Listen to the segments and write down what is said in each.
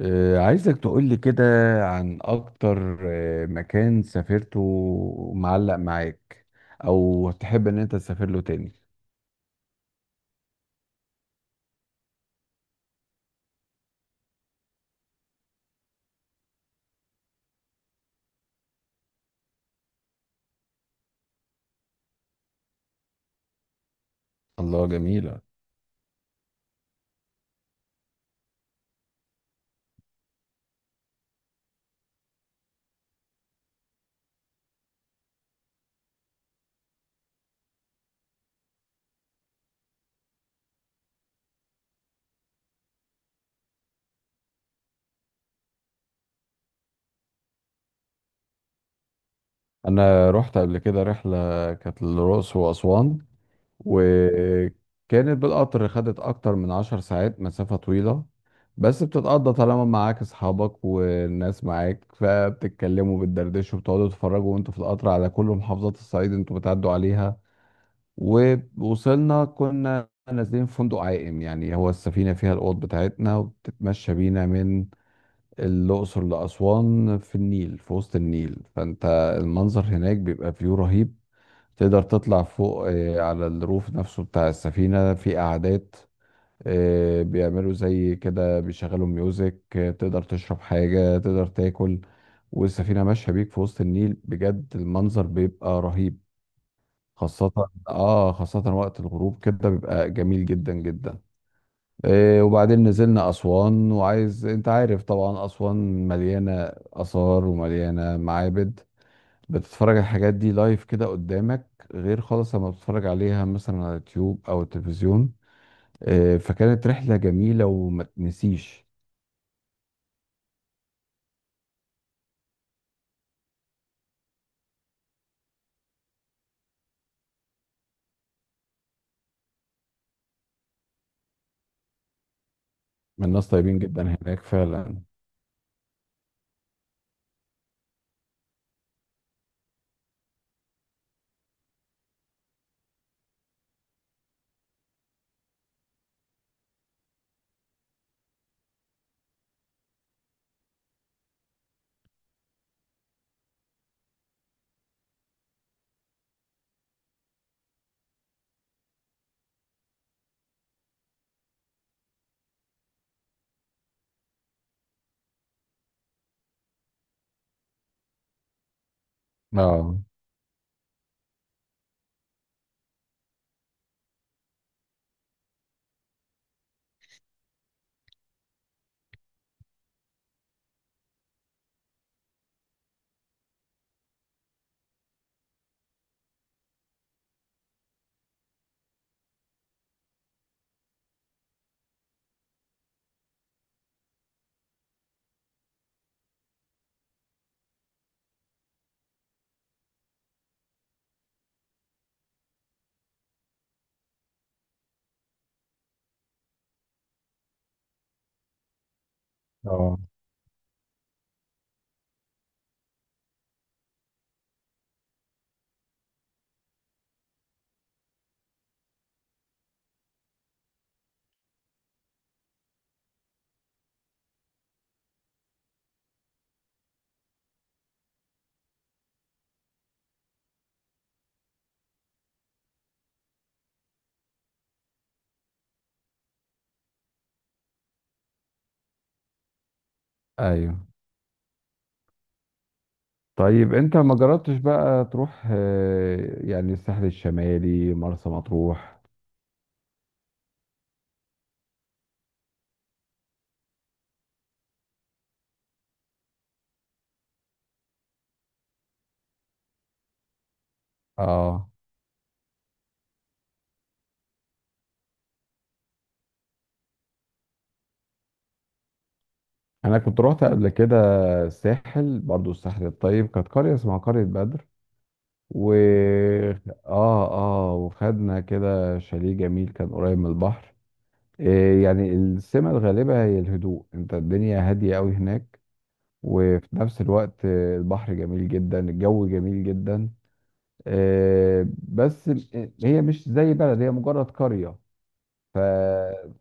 عايزك تقولي كده عن أكتر مكان سافرته معلق معاك، أو تحب إن أنت تسافر له تاني. الله، جميلة. أنا رحت قبل كده رحلة كانت للرأس وأسوان، وكانت بالقطر. خدت أكتر من 10 ساعات، مسافة طويلة بس بتتقضى طالما معاك أصحابك والناس معاك، فبتتكلموا بتدردشوا بتقعدوا تتفرجوا وأنتوا في القطر على كل محافظات الصعيد أنتوا بتعدوا عليها. ووصلنا كنا نازلين في فندق عائم، يعني هو السفينة فيها الأوض بتاعتنا وبتتمشى بينا من الأقصر لأسوان في النيل، في وسط النيل. فأنت المنظر هناك بيبقى فيو رهيب. تقدر تطلع فوق على الروف نفسه بتاع السفينة، في قعدات، بيعملوا زي كده، بيشغلوا ميوزك، تقدر تشرب حاجة، تقدر تاكل، والسفينة ماشية بيك في وسط النيل. بجد المنظر بيبقى رهيب، خاصة اه خاصة وقت الغروب كده بيبقى جميل جدا جدا. إيه، وبعدين نزلنا أسوان، وعايز انت عارف طبعا أسوان مليانة آثار ومليانة معابد. بتتفرج على الحاجات دي لايف كده قدامك، غير خالص لما بتتفرج عليها مثلا على اليوتيوب أو التلفزيون. إيه، فكانت رحلة جميلة وما تنسيش. الناس طيبين جدا هناك فعلا. اه، اه، ايوه. طيب انت ما جربتش بقى تروح يعني الساحل الشمالي مرسى مطروح؟ اه، انا كنت روحت قبل كده الساحل، برضو الساحل الطيب. كانت قرية اسمها قرية بدر، و اه اه وخدنا كده شاليه جميل كان قريب من البحر. يعني السمة الغالبة هي الهدوء، انت الدنيا هادية قوي هناك، وفي نفس الوقت البحر جميل جدا، الجو جميل جدا. بس هي مش زي بلد، هي مجرد قرية. ف...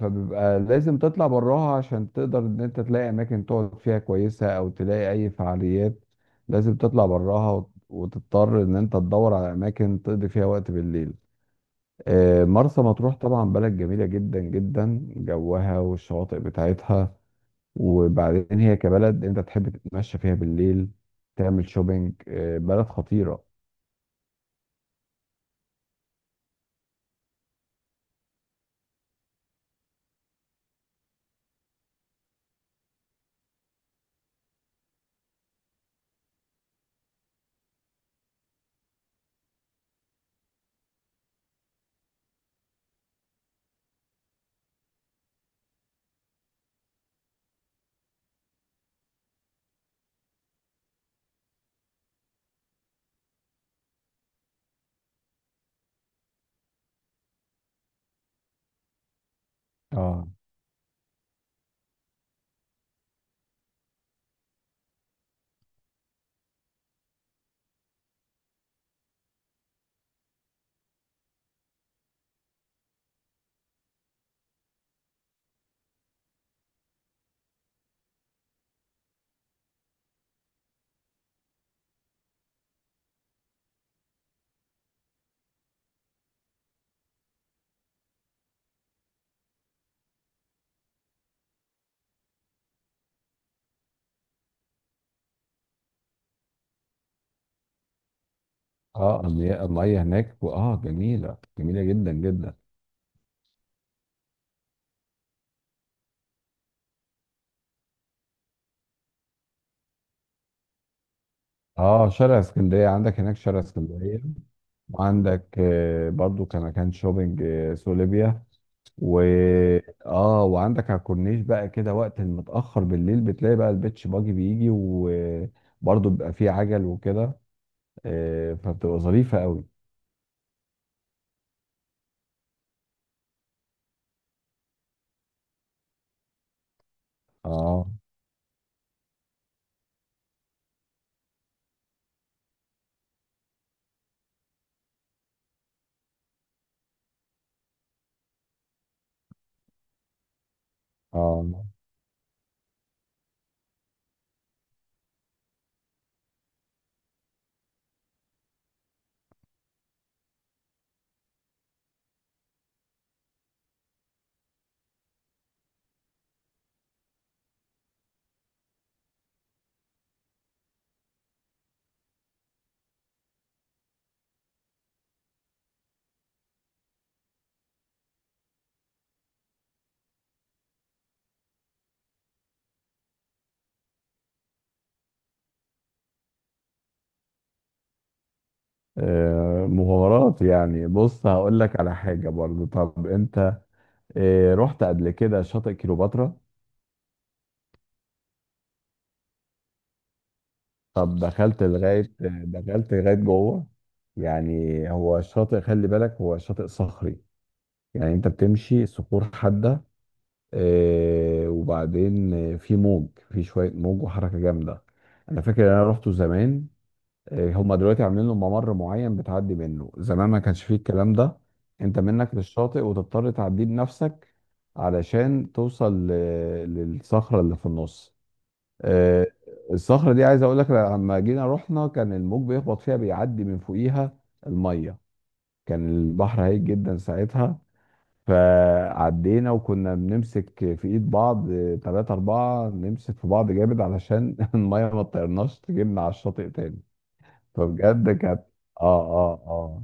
فبيبقى لازم تطلع براها عشان تقدر ان انت تلاقي اماكن تقعد فيها كويسة، او تلاقي اي فعاليات. لازم تطلع براها وتضطر ان انت تدور على اماكن تقضي فيها وقت بالليل. مرسى مطروح طبعا بلد جميلة جدا جدا، جوها والشواطئ بتاعتها، وبعدين هي كبلد انت تحب تتمشى فيها بالليل، تعمل شوبينج، بلد خطيرة. اه، اه، المياه، المية هناك اه جميلة جميلة جدا جدا. اه، شارع اسكندريه، عندك هناك شارع اسكندريه، وعندك برضو كمكان شوبينج سوق ليبيا، و اه وعندك على الكورنيش بقى كده وقت المتاخر بالليل بتلاقي بقى البيتش باجي بيجي، وبرضو بيبقى فيه عجل وكده. فبتبقى ظريفه قوي. اه، اه، مغامرات يعني. بص هقول لك على حاجه برضو. طب انت رحت قبل كده شاطئ كيلوباترا؟ طب دخلت لغاية، دخلت لغاية جوه؟ يعني هو الشاطئ خلي بالك هو شاطئ صخري، يعني انت بتمشي صخور حادة، وبعدين في موج، في شوية موج وحركة جامدة. انا فاكر ان انا رحته زمان، هما دلوقتي عاملين له ممر معين بتعدي منه، زمان ما كانش فيه الكلام ده. انت منك للشاطئ وتضطر تعديه بنفسك علشان توصل للصخرة اللي في النص. آه، الصخرة دي عايز اقول لك لما جينا رحنا كان الموج بيخبط فيها، بيعدي من فوقيها المية، كان البحر هايج جدا ساعتها. فعدينا وكنا بنمسك في ايد بعض، تلاتة اربعة نمسك في بعض جامد علشان المية ما تطيرناش تجيبنا على الشاطئ تاني. فبجد كانت اه اه اه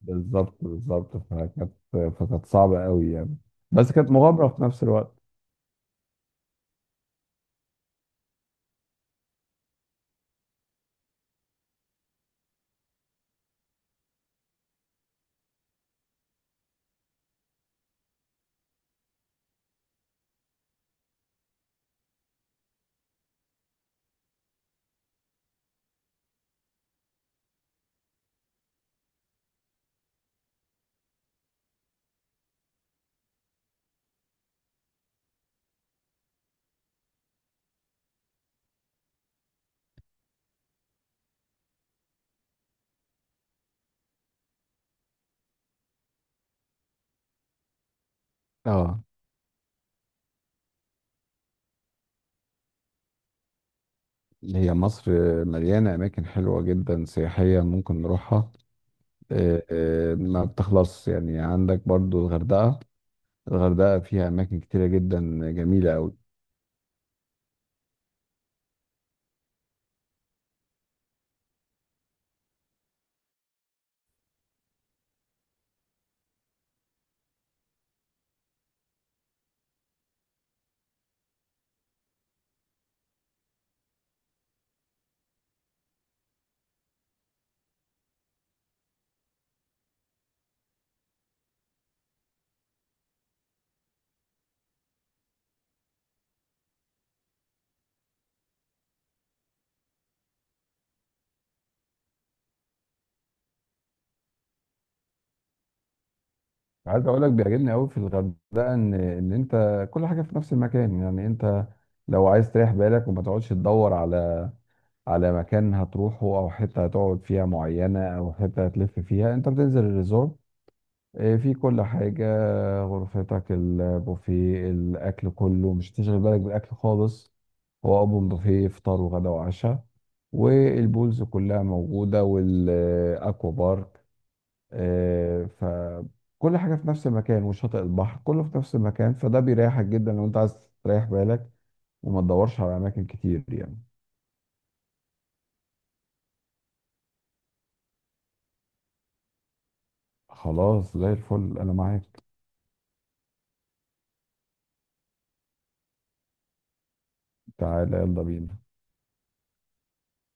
بالظبط بالظبط، فكانت فكانت صعبة قوي يعني، بس كانت مغامرة في نفس الوقت. اه، هي مصر مليانة أماكن حلوة جدا سياحية ممكن نروحها. ما بتخلص يعني. عندك برضو الغردقة، الغردقة فيها أماكن كتيرة جدا جميلة أوي. عايز أقول لك بيعجبني أوي في الغردقة إن أنت كل حاجة في نفس المكان، يعني أنت لو عايز تريح بالك وما تقعدش تدور على على مكان هتروحه، أو حتة هتقعد فيها معينة، أو حتة هتلف فيها، أنت بتنزل الريزورت. إيه، في كل حاجة، غرفتك، البوفيه، الأكل كله، مش هتشغل بالك بالأكل خالص، هو أوبن بوفيه فطار وغدا وعشاء، والبولز كلها موجودة، والأكوا بارك. إيه، فكل حاجة في نفس المكان، وشاطئ البحر كله في نفس المكان، فده بيريحك جدا لو أنت عايز تريح بالك وما تدورش على أماكن كتير يعني. خلاص زي الفل، أنا معاك. تعالى يلا بينا.